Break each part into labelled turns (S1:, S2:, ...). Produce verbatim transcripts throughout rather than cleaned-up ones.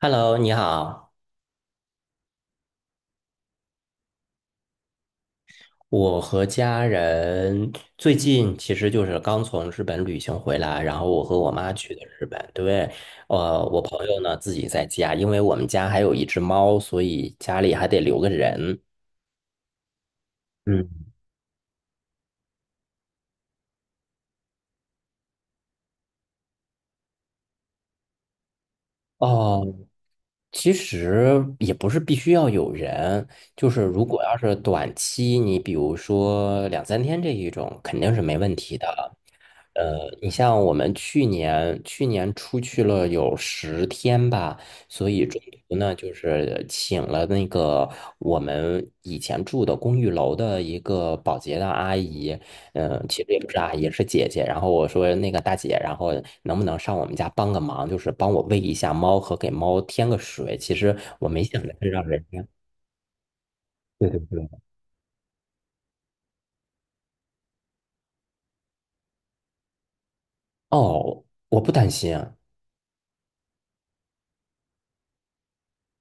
S1: Hello，你好。我和家人最近其实就是刚从日本旅行回来，然后我和我妈去的日本。对。呃，我朋友呢自己在家，因为我们家还有一只猫，所以家里还得留个人。嗯。哦。其实也不是必须要有人，就是如嗯果要是短期，你比如说两三天这一种，肯定是没问题的。呃，嗯你像我们去年，去年出去了有十天吧，所以中途呢，就是请了那个我们以前住的公寓楼的一个保洁的阿姨。嗯，其实也不是阿姨，是姐姐。然后我说那个大姐，然后能不能上我们家帮个忙，就是帮我喂一下猫和给猫添个水。其实我没想着是让人家。对对对。哦，我不担心。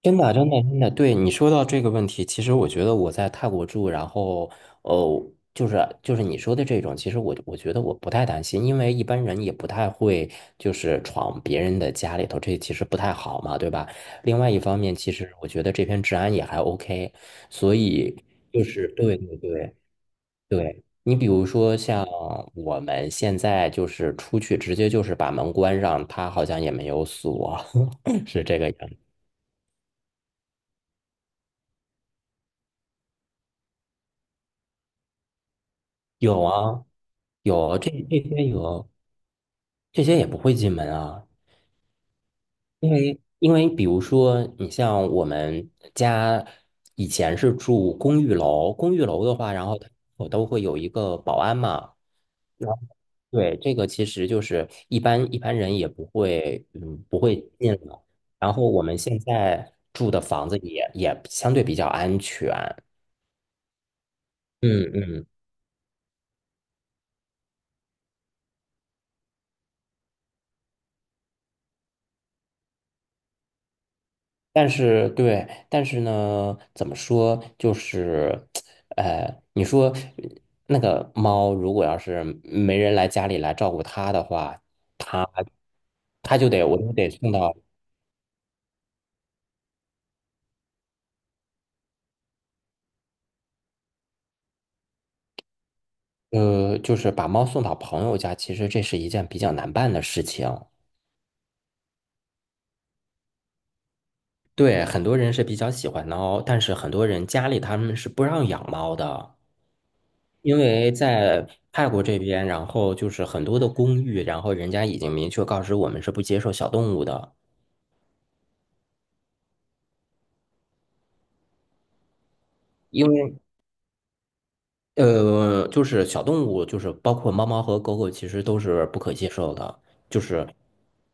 S1: 真的，真的，真的。对，你说到这个问题，其实我觉得我在泰国住，然后，呃，就是就是你说的这种，其实我我觉得我不太担心，因为一般人也不太会就是闯别人的家里头，这其实不太好嘛，对吧？另外一方面，其实我觉得这边治安也还 OK，所以就是对对对对。你比如说像我们现在就是出去直接就是把门关上，他好像也没有锁。是这个样子。有啊。有这这些有这些也不会进门啊，因为因为比如说，你像我们家以前是住公寓楼，公寓楼的话，然后它我都会有一个保安嘛。然后对，这个其实就是一般一般人也不会，嗯，不会进了。然后我们现在住的房子也也相对比较安全。嗯嗯。但是对，但是呢，怎么说，就是，呃，你说那个猫，如果要是没人来家里来照顾它的话，它它就得，我就得送到。呃，就是把猫送到朋友家，其实这是一件比较难办的事情。对，很多人是比较喜欢猫，但是很多人家里他们是不让养猫的。因为在泰国这边，然后就是很多的公寓，然后人家已经明确告知我们是不接受小动物的，因为呃，就是小动物，就是包括猫猫和狗狗，其实都是不可接受的。就是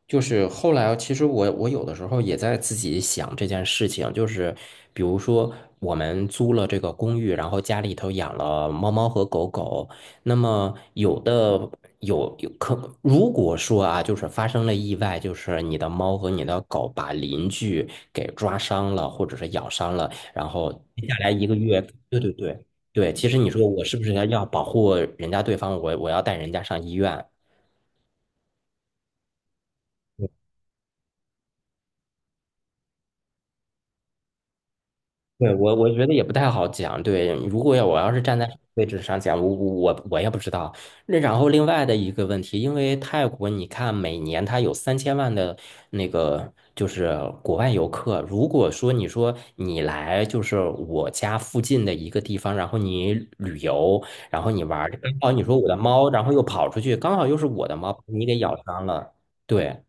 S1: 就是后来，其实我我有的时候也在自己想这件事情，就是比如说我们租了这个公寓，然后家里头养了猫猫和狗狗，那么有的有有可，如果说啊，就是发生了意外，就是你的猫和你的狗把邻居给抓伤了，或者是咬伤了，然后接下来一个月。对对对。对，其实你说我是不是要要保护人家对方，我我要带人家上医院？对，我我觉得也不太好讲。对，如果要我要是站在位置上讲，我我我也不知道。那然后另外的一个问题，因为泰国你看每年它有三千万的那个就是国外游客，如果说你说你来就是我家附近的一个地方，然后你旅游，然后你玩儿，刚好你说我的猫，然后又跑出去，刚好又是我的猫，你给咬伤了。对。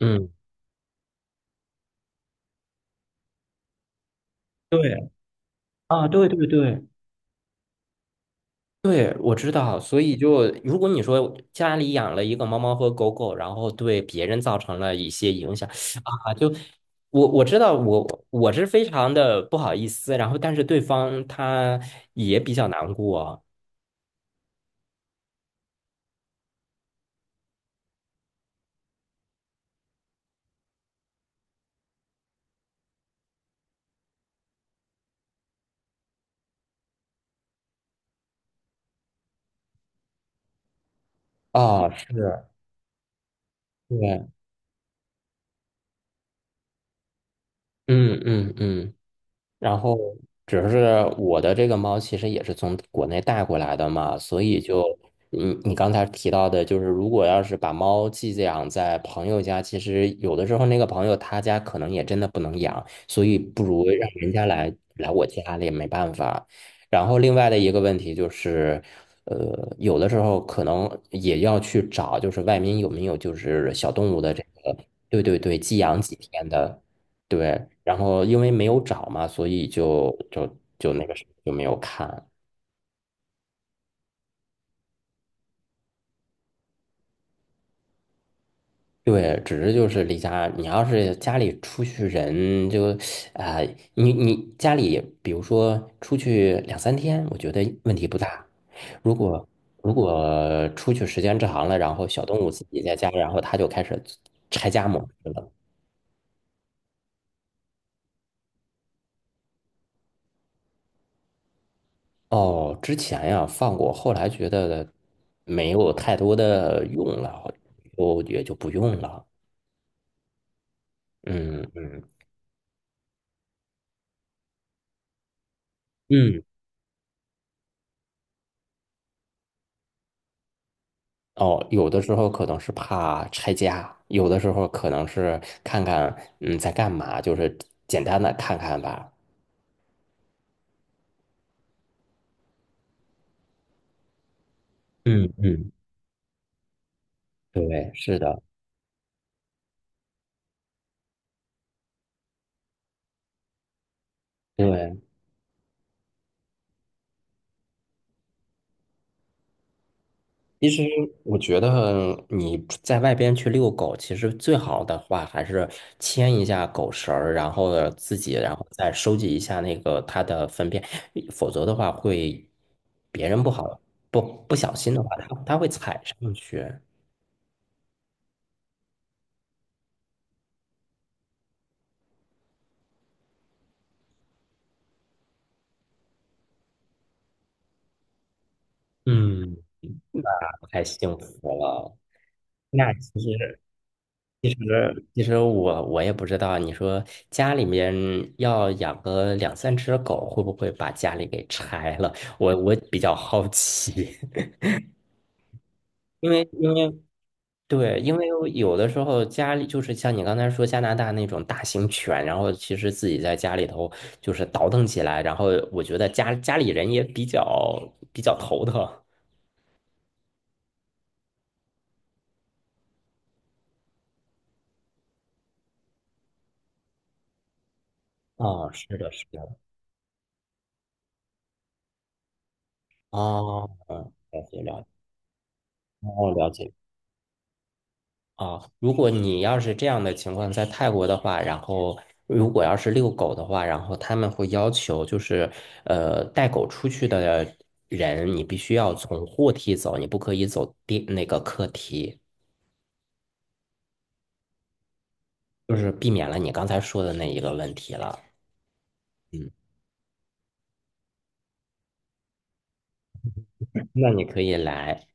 S1: 嗯。对啊，对对对对，我知道。所以就如果你说家里养了一个猫猫和狗狗，然后对别人造成了一些影响啊，就我我知道我我是非常的不好意思，然后但是对方他也比较难过。啊，是。对。嗯嗯嗯。然后只是我的这个猫其实也是从国内带过来的嘛，所以就你你刚才提到的，就是如果要是把猫寄养在朋友家，其实有的时候那个朋友他家可能也真的不能养，所以不如让人家来来我家里，没办法。然后另外的一个问题就是。呃，有的时候可能也要去找，就是外面有没有就是小动物的这个。对对对，寄养几天的。对，然后因为没有找嘛，所以就就就那个什么就没有看。对，只是就是离家，你要是家里出去人就，啊、你你家里比如说出去两三天，我觉得问题不大。如果如果出去时间长了，然后小动物自己在家，然后它就开始拆家模式了。哦，之前呀放过，后来觉得没有太多的用了，就也就不用了。嗯嗯嗯。哦，有的时候可能是怕拆家，有的时候可能是看看嗯在干嘛，就是简单的看看吧。嗯嗯。对，是的。对。其实我觉得你在外边去遛狗，其实最好的话还是牵一下狗绳儿，然后自己，然后再收集一下那个它的粪便，否则的话会别人不好，不不小心的话，它它会踩上去。嗯。太幸福了。那其实，其实，其实我我也不知道，你说家里面要养个两三只狗，会不会把家里给拆了？我我比较好奇。因为因为对，因为有的时候家里就是像你刚才说加拿大那种大型犬，然后其实自己在家里头就是倒腾起来，然后我觉得家家里人也比较比较头疼。哦，是的，是的。哦。嗯，了解了解。哦，了解。啊，如果你要是这样的情况在泰国的话，然后如果要是遛狗的话，然后他们会要求就是，呃，带狗出去的人，你必须要从货梯走，你不可以走地那个客梯，就是避免了你刚才说的那一个问题了。嗯，那你可以来。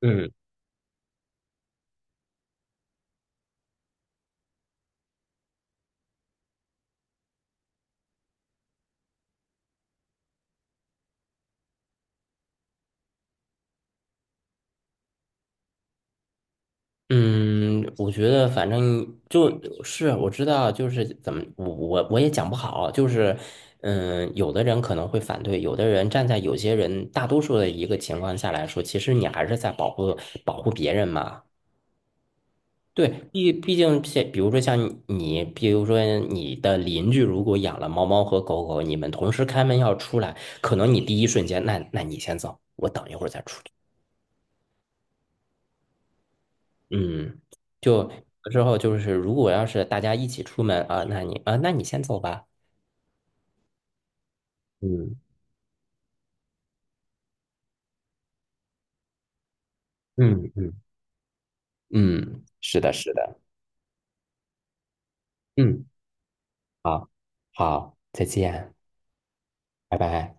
S1: 嗯。嗯，我觉得反正就是我知道，就是怎么我我我也讲不好，就是嗯，有的人可能会反对，有的人站在有些人大多数的一个情况下来说，其实你还是在保护保护别人嘛。对，毕毕竟像比如说像你，比如说你的邻居如果养了猫猫和狗狗，你们同时开门要出来，可能你第一瞬间，那那你先走，我等一会儿再出去。嗯。就之后就是，如果要是大家一起出门啊，那你啊，那你先走吧。嗯嗯嗯嗯，是的，是的。嗯。好。好，再见。拜拜。